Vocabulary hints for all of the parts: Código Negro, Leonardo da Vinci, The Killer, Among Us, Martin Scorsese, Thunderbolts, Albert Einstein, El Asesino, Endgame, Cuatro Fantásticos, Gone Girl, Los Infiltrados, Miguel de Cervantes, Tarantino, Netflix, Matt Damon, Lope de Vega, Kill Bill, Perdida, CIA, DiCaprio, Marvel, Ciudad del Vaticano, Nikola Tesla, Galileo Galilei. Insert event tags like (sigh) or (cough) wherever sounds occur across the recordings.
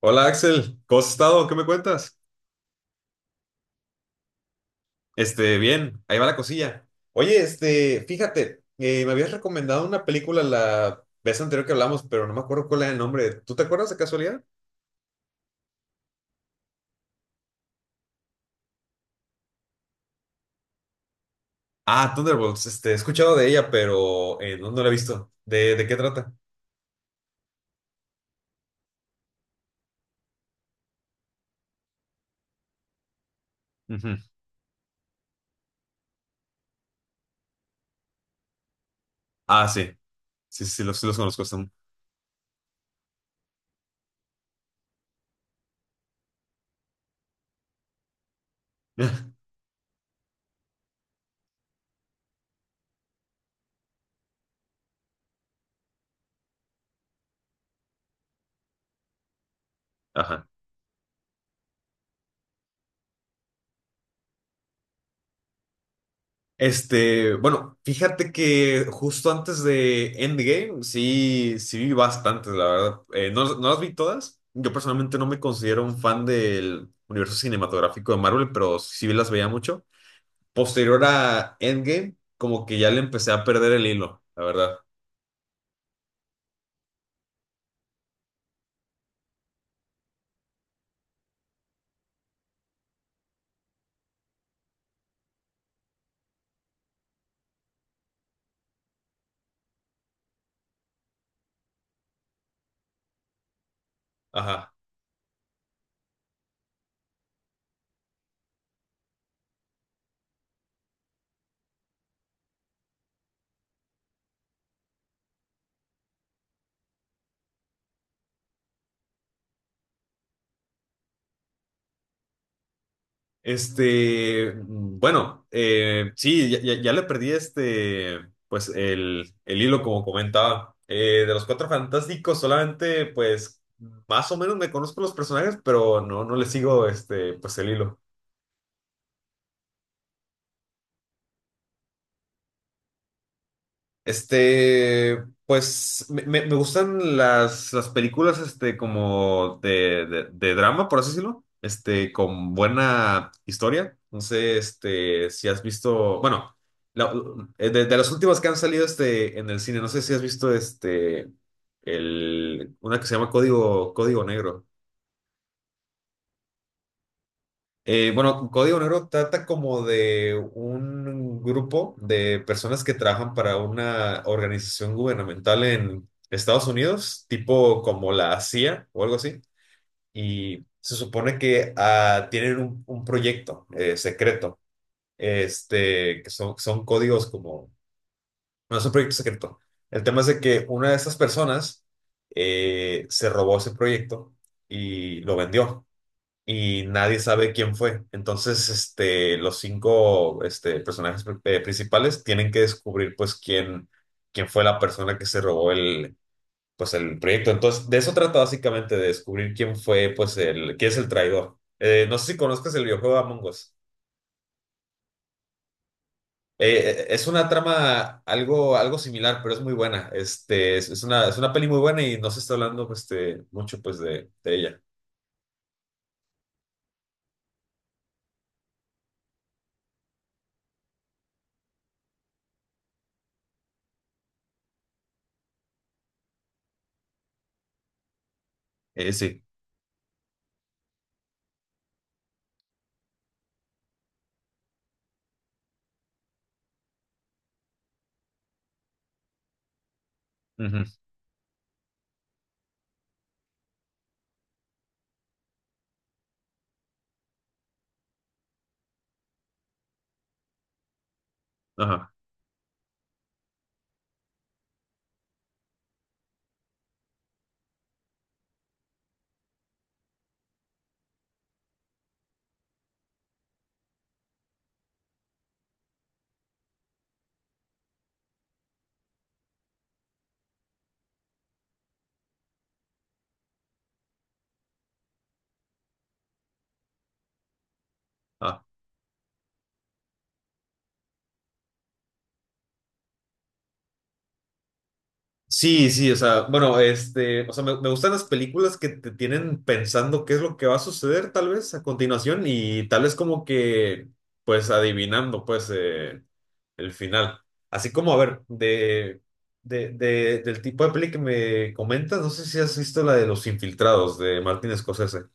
Hola Axel, ¿cómo has estado? ¿Qué me cuentas? Bien, ahí va la cosilla. Oye, fíjate, me habías recomendado una película la vez anterior que hablamos, pero no me acuerdo cuál era el nombre. ¿Tú te acuerdas de casualidad? Ah, Thunderbolts, he escuchado de ella, pero no la he visto. ¿De qué trata? Ujú. Ah, sí, sí, sí los conozco. Están... (laughs) Ajá. Bueno, fíjate que justo antes de Endgame, sí, sí vi bastantes, la verdad. No las vi todas. Yo personalmente no me considero un fan del universo cinematográfico de Marvel, pero sí las veía mucho. Posterior a Endgame, como que ya le empecé a perder el hilo, la verdad. Ajá. Bueno, sí, ya le perdí pues el hilo como comentaba. De los Cuatro Fantásticos solamente, pues, más o menos me conozco los personajes, pero no le sigo, pues el hilo. Pues me gustan las películas, como de drama, por así decirlo, con buena historia. No sé, si has visto, bueno, la- de las últimas que han salido, en el cine, no sé si has visto, el, una que se llama Código, Código Negro. Bueno, Código Negro trata como de un grupo de personas que trabajan para una organización gubernamental en Estados Unidos, tipo como la CIA o algo así, y se supone que tienen un proyecto secreto, que son, son códigos como, no es un proyecto secreto. El tema es de que una de esas personas se robó ese proyecto y lo vendió y nadie sabe quién fue. Entonces, los cinco, principales tienen que descubrir, pues, quién, quién fue la persona que se robó el, pues, el proyecto. Entonces, de eso trata básicamente, de descubrir quién fue, pues, el, quién es el traidor. No sé si conozcas el videojuego Among Us. Es una trama algo, algo similar, pero es muy buena. Es una peli muy buena y no se está hablando, pues, mucho, pues, de ella. Sí. Ujú. Ajá. Ah. Sí, sí, o sea, bueno, o sea, me gustan las películas que te tienen pensando qué es lo que va a suceder tal vez a continuación y tal vez como que, pues adivinando, pues, el final. Así como, a ver, del tipo de peli que me comentas, no sé si has visto la de Los Infiltrados de Martin Scorsese.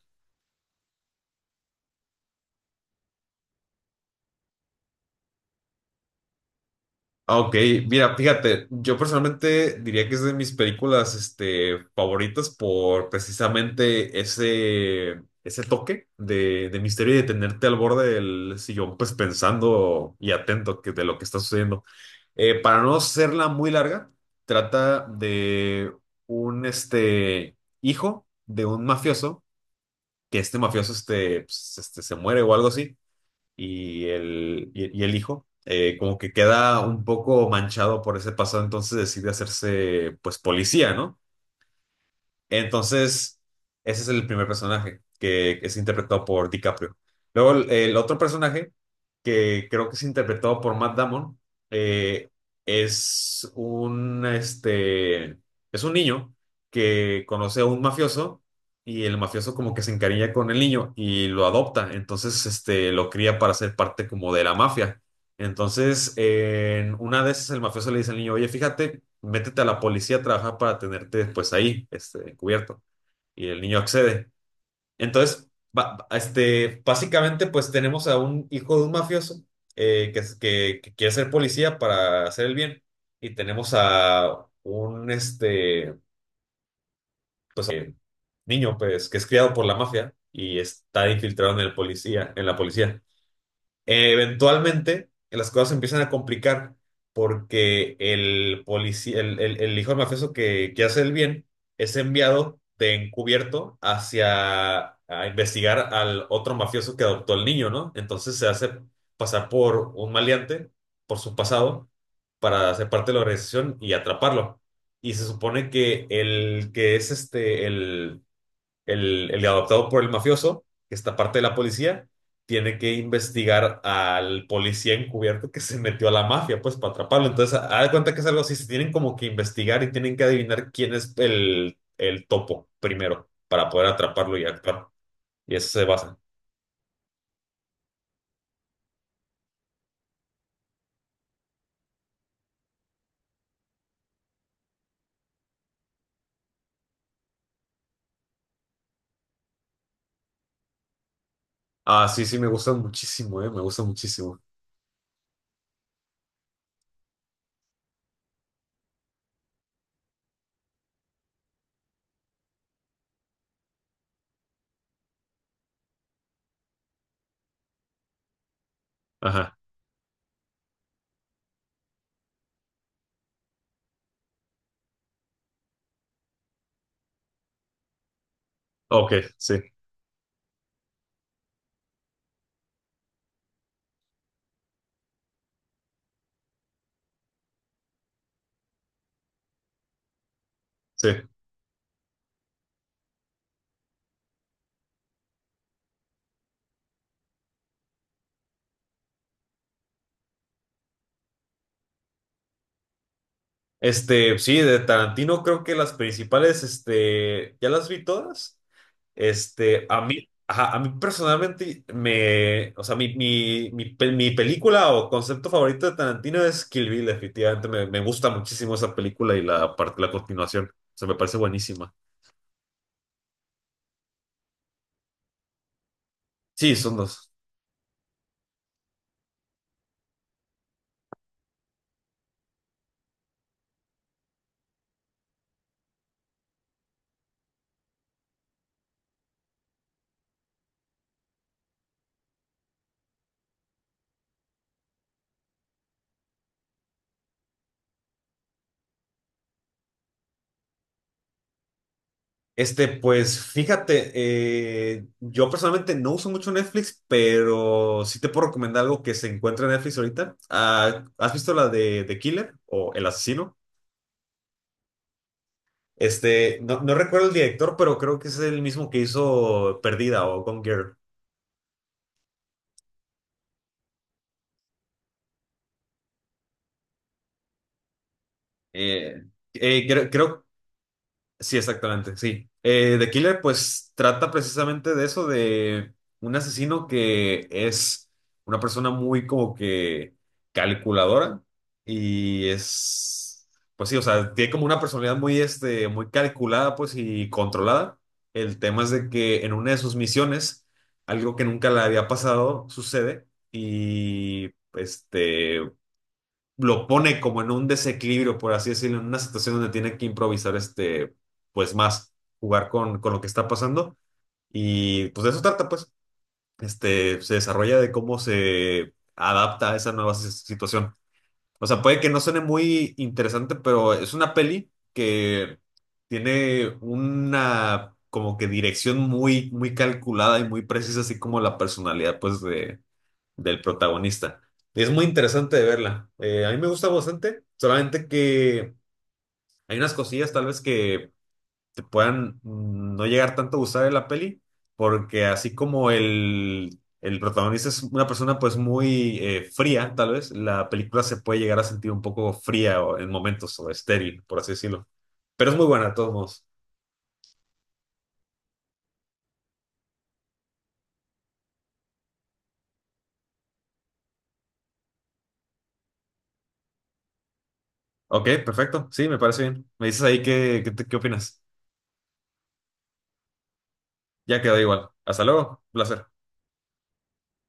Ah, ok, mira, fíjate, yo personalmente diría que es de mis películas, favoritas por precisamente ese toque de misterio y de tenerte al borde del sillón, pues pensando y atento que, de lo que está sucediendo. Para no serla muy larga, trata de un, hijo de un mafioso, que este mafioso, pues, se muere o algo así y el hijo, como que queda un poco manchado por ese pasado, entonces decide hacerse pues policía, ¿no? Entonces, ese es el primer personaje que es interpretado por DiCaprio. Luego, el otro personaje que creo que es interpretado por Matt Damon, eh, es un, es un niño que conoce a un mafioso y el mafioso como que se encariña con el niño y lo adopta. Entonces, lo cría para ser parte como de la mafia. Entonces, en una de esas, el mafioso le dice al niño, oye, fíjate, métete a la policía a trabajar para tenerte después ahí, encubierto. Y el niño accede. Entonces, básicamente, pues tenemos a un hijo de un mafioso, que quiere ser policía para hacer el bien. Y tenemos a un, pues, niño, pues, que es criado por la mafia y está infiltrado en el policía, en la policía. Eventualmente las cosas se empiezan a complicar porque el policía, el hijo del mafioso que hace el bien es enviado de encubierto hacia a investigar al otro mafioso que adoptó al niño, ¿no? Entonces se hace pasar por un maleante, por su pasado, para hacer parte de la organización y atraparlo. Y se supone que el que es este, el adoptado por el mafioso, que está parte de la policía, tiene que investigar al policía encubierto que se metió a la mafia, pues para atraparlo. Entonces, haz de cuenta que es algo así, se tienen como que investigar y tienen que adivinar quién es el topo primero para poder atraparlo y actuar. Y eso se basa. Ah, sí, sí, me gusta muchísimo, me gusta muchísimo. Ajá, ok, sí, sí. Sí, de Tarantino creo que las principales, ya las vi todas. A mí, ajá, a mí personalmente o sea, mi película o concepto favorito de Tarantino es Kill Bill, definitivamente me gusta muchísimo esa película y la parte, la continuación, o sea, me parece buenísima. Sí, son dos. Pues fíjate, yo personalmente no uso mucho Netflix, pero sí te puedo recomendar algo que se encuentra en Netflix ahorita. Ah, ¿has visto la de The Killer o El Asesino? No recuerdo el director, pero creo que es el mismo que hizo Perdida o Gone Girl. Eh, creo, sí, exactamente, sí. The Killer, pues trata precisamente de eso, de un asesino que es una persona muy como que calculadora y es, pues sí, o sea, tiene como una personalidad muy, muy calculada, pues y controlada. El tema es de que en una de sus misiones, algo que nunca le había pasado sucede y, lo pone como en un desequilibrio, por así decirlo, en una situación donde tiene que improvisar pues más, jugar con lo que está pasando. Y pues de eso trata, pues, se desarrolla de cómo se adapta a esa nueva situación. O sea, puede que no suene muy interesante, pero es una peli que tiene una como que dirección muy, muy calculada y muy precisa, así como la personalidad, pues, del protagonista. Y es muy interesante de verla. A mí me gusta bastante, solamente que hay unas cosillas tal vez que te puedan no llegar tanto a gustar de la peli, porque así como el protagonista es una persona pues muy fría, tal vez la película se puede llegar a sentir un poco fría en momentos o estéril, por así decirlo. Pero es muy buena de todos modos. Ok, perfecto. Sí, me parece bien. Me dices ahí qué opinas. Ya quedó igual. Hasta luego. Un placer.